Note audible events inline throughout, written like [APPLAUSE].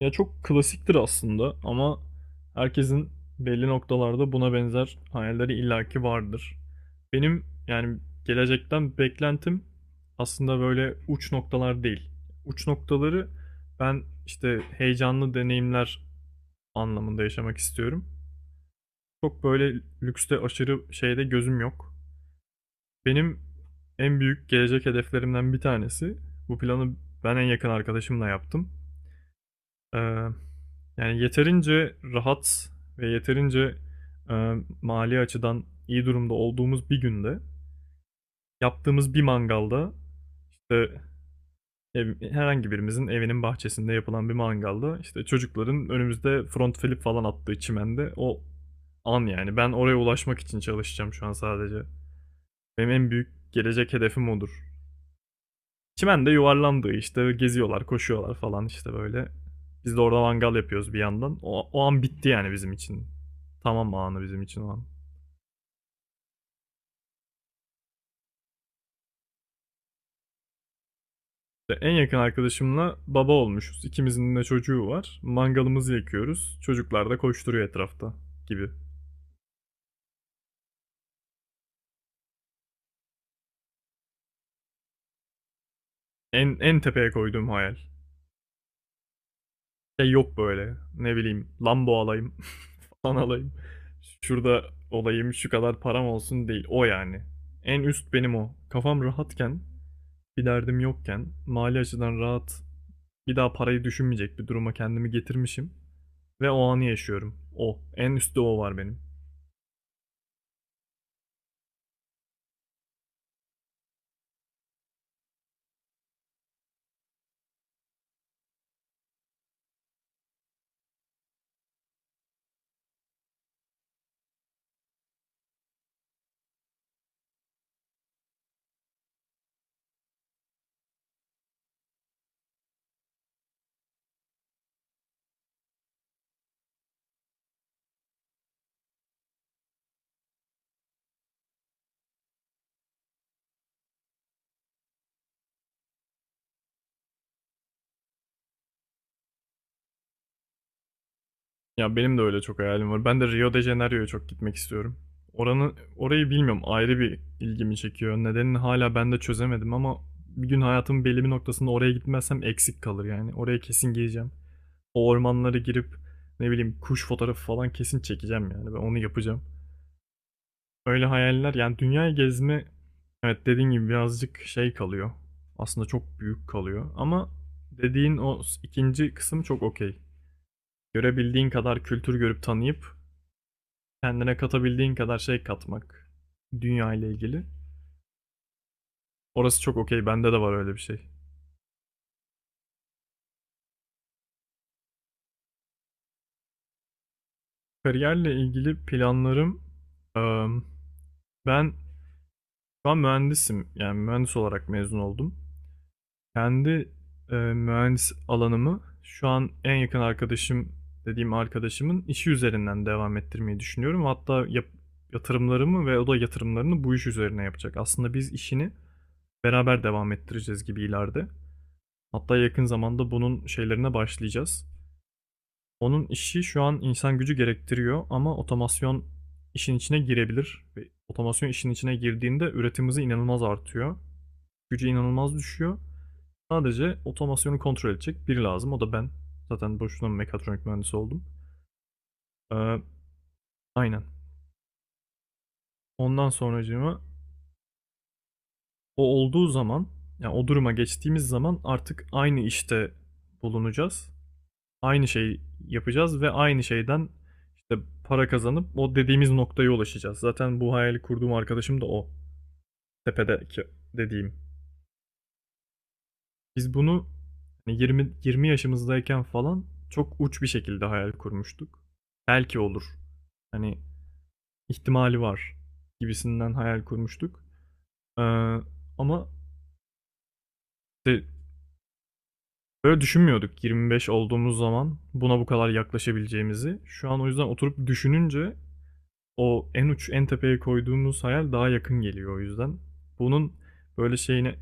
Ya çok klasiktir aslında ama herkesin belli noktalarda buna benzer hayalleri illaki vardır. Benim yani gelecekten beklentim aslında böyle uç noktalar değil. Uç noktaları ben işte heyecanlı deneyimler anlamında yaşamak istiyorum. Çok böyle lükste aşırı şeyde gözüm yok. Benim en büyük gelecek hedeflerimden bir tanesi. Bu planı ben en yakın arkadaşımla yaptım. Ee, Yani yeterince rahat ve yeterince e, mali açıdan iyi durumda olduğumuz bir günde yaptığımız bir mangalda işte herhangi birimizin evinin bahçesinde yapılan bir mangalda işte çocukların önümüzde front flip falan attığı çimende o an, yani ben oraya ulaşmak için çalışacağım şu an sadece. Benim en büyük gelecek hedefim odur. Çimende yuvarlandı işte, geziyorlar, koşuyorlar falan işte böyle. Biz de orada mangal yapıyoruz bir yandan. O an bitti yani bizim için. Tamam, anı bizim için o an. İşte en yakın arkadaşımla baba olmuşuz. İkimizin de çocuğu var. Mangalımızı yakıyoruz. Çocuklar da koşturuyor etrafta gibi. En tepeye koyduğum hayal. Şey yok böyle. Ne bileyim, Lambo alayım [LAUGHS] falan alayım. Şurada olayım, şu kadar param olsun değil. O yani. En üst benim o. Kafam rahatken, bir derdim yokken, mali açıdan rahat, bir daha parayı düşünmeyecek bir duruma kendimi getirmişim ve o anı yaşıyorum. O. En üstte o var benim. Ya benim de öyle çok hayalim var. Ben de Rio de Janeiro'ya çok gitmek istiyorum. Orayı bilmiyorum, ayrı bir ilgimi çekiyor. Nedenini hala ben de çözemedim ama bir gün hayatımın belli bir noktasında oraya gitmezsem eksik kalır yani. Oraya kesin gireceğim. O ormanlara girip ne bileyim kuş fotoğrafı falan kesin çekeceğim yani. Ben onu yapacağım. Öyle hayaller yani, dünya gezme, evet, dediğin gibi birazcık şey kalıyor. Aslında çok büyük kalıyor ama dediğin o ikinci kısım çok okey. Görebildiğin kadar kültür görüp tanıyıp, kendine katabildiğin kadar şey katmak, dünya ile ilgili. Orası çok okey. Bende de var öyle bir şey. Kariyerle ilgili planlarım, eee, ben şu an mühendisim. Yani mühendis olarak mezun oldum. Kendi mühendis alanımı şu an en yakın arkadaşım dediğim arkadaşımın işi üzerinden devam ettirmeyi düşünüyorum. Hatta yatırımlarımı ve o da yatırımlarını bu iş üzerine yapacak. Aslında biz işini beraber devam ettireceğiz gibi ileride. Hatta yakın zamanda bunun şeylerine başlayacağız. Onun işi şu an insan gücü gerektiriyor ama otomasyon işin içine girebilir. Ve otomasyon işin içine girdiğinde üretim hızı inanılmaz artıyor. Gücü inanılmaz düşüyor. Sadece otomasyonu kontrol edecek biri lazım. O da ben. Zaten boşuna mekatronik mühendisi oldum. Ee, aynen. Ondan sonracığıma o olduğu zaman, yani o duruma geçtiğimiz zaman artık aynı işte bulunacağız. Aynı şeyi yapacağız ve aynı şeyden işte para kazanıp o dediğimiz noktaya ulaşacağız. Zaten bu hayali kurduğum arkadaşım da o. Tepedeki dediğim. Biz bunu hani 20 20 yaşımızdayken falan çok uç bir şekilde hayal kurmuştuk. Belki olur. Hani ihtimali var gibisinden hayal kurmuştuk. Ee, ama işte böyle düşünmüyorduk 25 olduğumuz zaman buna bu kadar yaklaşabileceğimizi. Şu an o yüzden oturup düşününce o en uç en tepeye koyduğumuz hayal daha yakın geliyor o yüzden. Bunun böyle şeyine,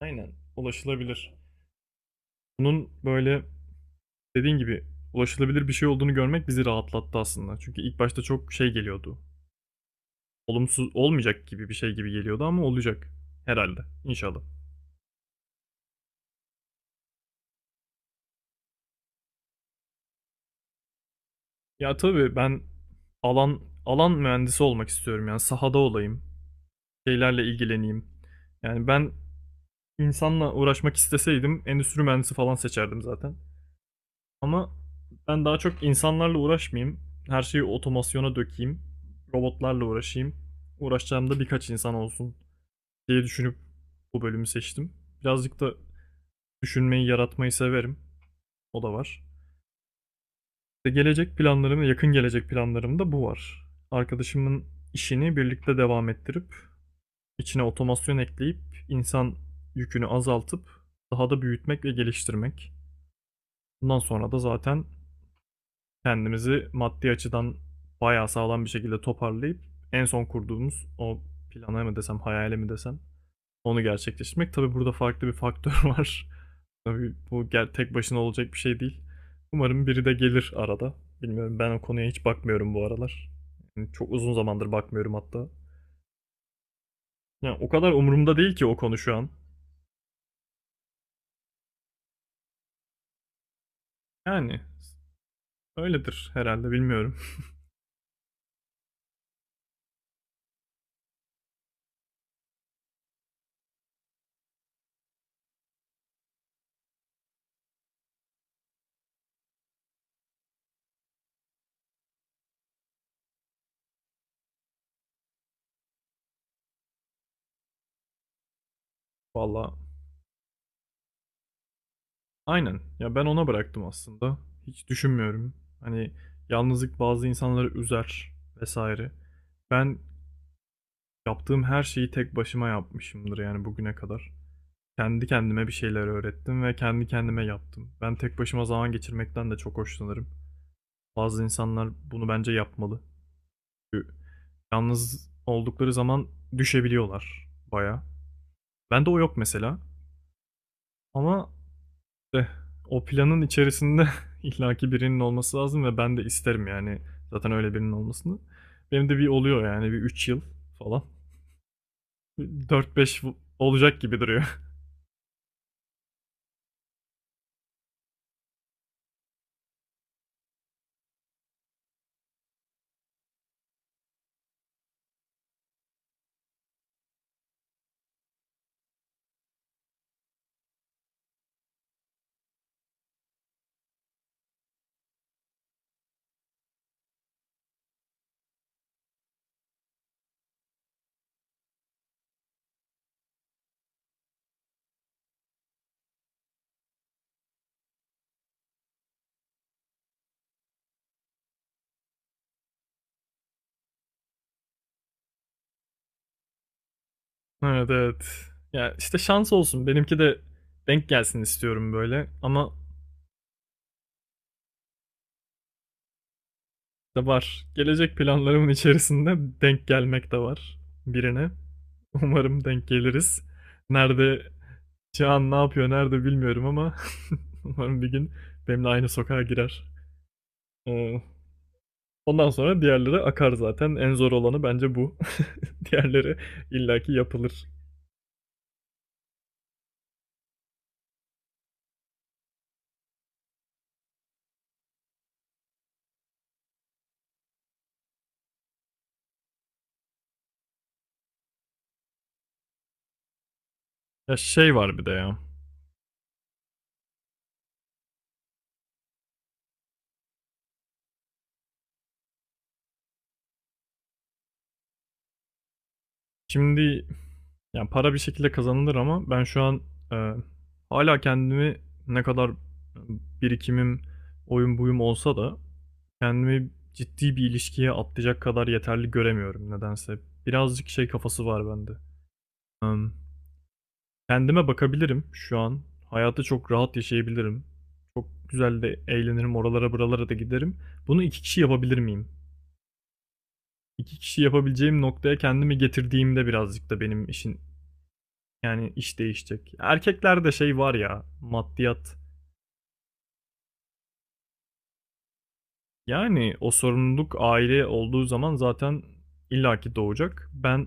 aynen, ulaşılabilir. Bunun böyle dediğin gibi ulaşılabilir bir şey olduğunu görmek bizi rahatlattı aslında. Çünkü ilk başta çok şey geliyordu. Olumsuz olmayacak gibi bir şey gibi geliyordu ama olacak herhalde inşallah. Ya tabii ben alan alan mühendisi olmak istiyorum, yani sahada olayım, şeylerle ilgileneyim. Yani ben insanla uğraşmak isteseydim endüstri mühendisi falan seçerdim zaten. Ama ben daha çok insanlarla uğraşmayayım, her şeyi otomasyona dökeyim, robotlarla uğraşayım, uğraşacağım da birkaç insan olsun diye düşünüp bu bölümü seçtim. Birazcık da düşünmeyi, yaratmayı severim. O da var. İşte gelecek planlarım, yakın gelecek planlarımda bu var. Arkadaşımın işini birlikte devam ettirip, içine otomasyon ekleyip, insan yükünü azaltıp, daha da büyütmek ve geliştirmek. Bundan sonra da zaten kendimizi maddi açıdan bayağı sağlam bir şekilde toparlayıp, en son kurduğumuz o plana mı desem, hayale mi desem, onu gerçekleştirmek. Tabii burada farklı bir faktör var. [LAUGHS] Tabii bu tek başına olacak bir şey değil. Umarım biri de gelir arada. Bilmiyorum, ben o konuya hiç bakmıyorum bu aralar. Yani çok uzun zamandır bakmıyorum hatta. Yani o kadar umurumda değil ki o konu şu an. Yani öyledir herhalde, bilmiyorum. [LAUGHS] Valla aynen. Ya ben ona bıraktım aslında. Hiç düşünmüyorum. Hani yalnızlık bazı insanları üzer vesaire. Ben yaptığım her şeyi tek başıma yapmışımdır yani bugüne kadar. Kendi kendime bir şeyler öğrettim ve kendi kendime yaptım. Ben tek başıma zaman geçirmekten de çok hoşlanırım. Bazı insanlar bunu bence yapmalı. Çünkü yalnız oldukları zaman düşebiliyorlar baya. Bende o yok mesela. Ama işte o planın içerisinde [LAUGHS] illaki birinin olması lazım ve ben de isterim yani, zaten öyle birinin olmasını. Benim de bir oluyor yani, bir 3 yıl falan. Dört beş olacak gibi duruyor. Evet, evet. Ya işte şans olsun. Benimki de denk gelsin istiyorum böyle. Ama da var. Gelecek planlarımın içerisinde denk gelmek de var, birine. [LAUGHS] Umarım denk geliriz. Nerede şu an, ne yapıyor, nerede bilmiyorum ama [LAUGHS] umarım bir gün benimle aynı sokağa girer. Ee, ondan sonra diğerleri akar zaten. En zor olanı bence bu. [LAUGHS] Diğerleri illaki yapılır. Ya şey var bir de ya. Şimdi, yani para bir şekilde kazanılır ama ben şu an, e, hala kendimi, ne kadar birikimim, oyun buyum olsa da, kendimi ciddi bir ilişkiye atlayacak kadar yeterli göremiyorum nedense. Birazcık şey kafası var bende. Em, kendime bakabilirim şu an. Hayatı çok rahat yaşayabilirim. Çok güzel de eğlenirim, oralara buralara da giderim. Bunu iki kişi yapabilir miyim? İki kişi yapabileceğim noktaya kendimi getirdiğimde birazcık da benim işin, yani iş değişecek. Erkeklerde şey var ya, maddiyat. Yani o sorumluluk aile olduğu zaman zaten illaki doğacak. Ben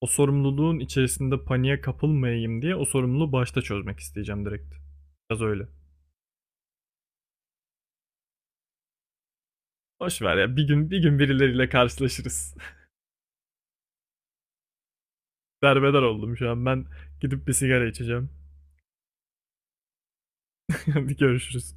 o sorumluluğun içerisinde paniğe kapılmayayım diye o sorumluluğu başta çözmek isteyeceğim direkt. Biraz öyle. Boş ver ya, bir gün bir gün birileriyle karşılaşırız. [LAUGHS] Derbeder oldum şu an. Ben gidip bir sigara içeceğim. [LAUGHS] Hadi görüşürüz.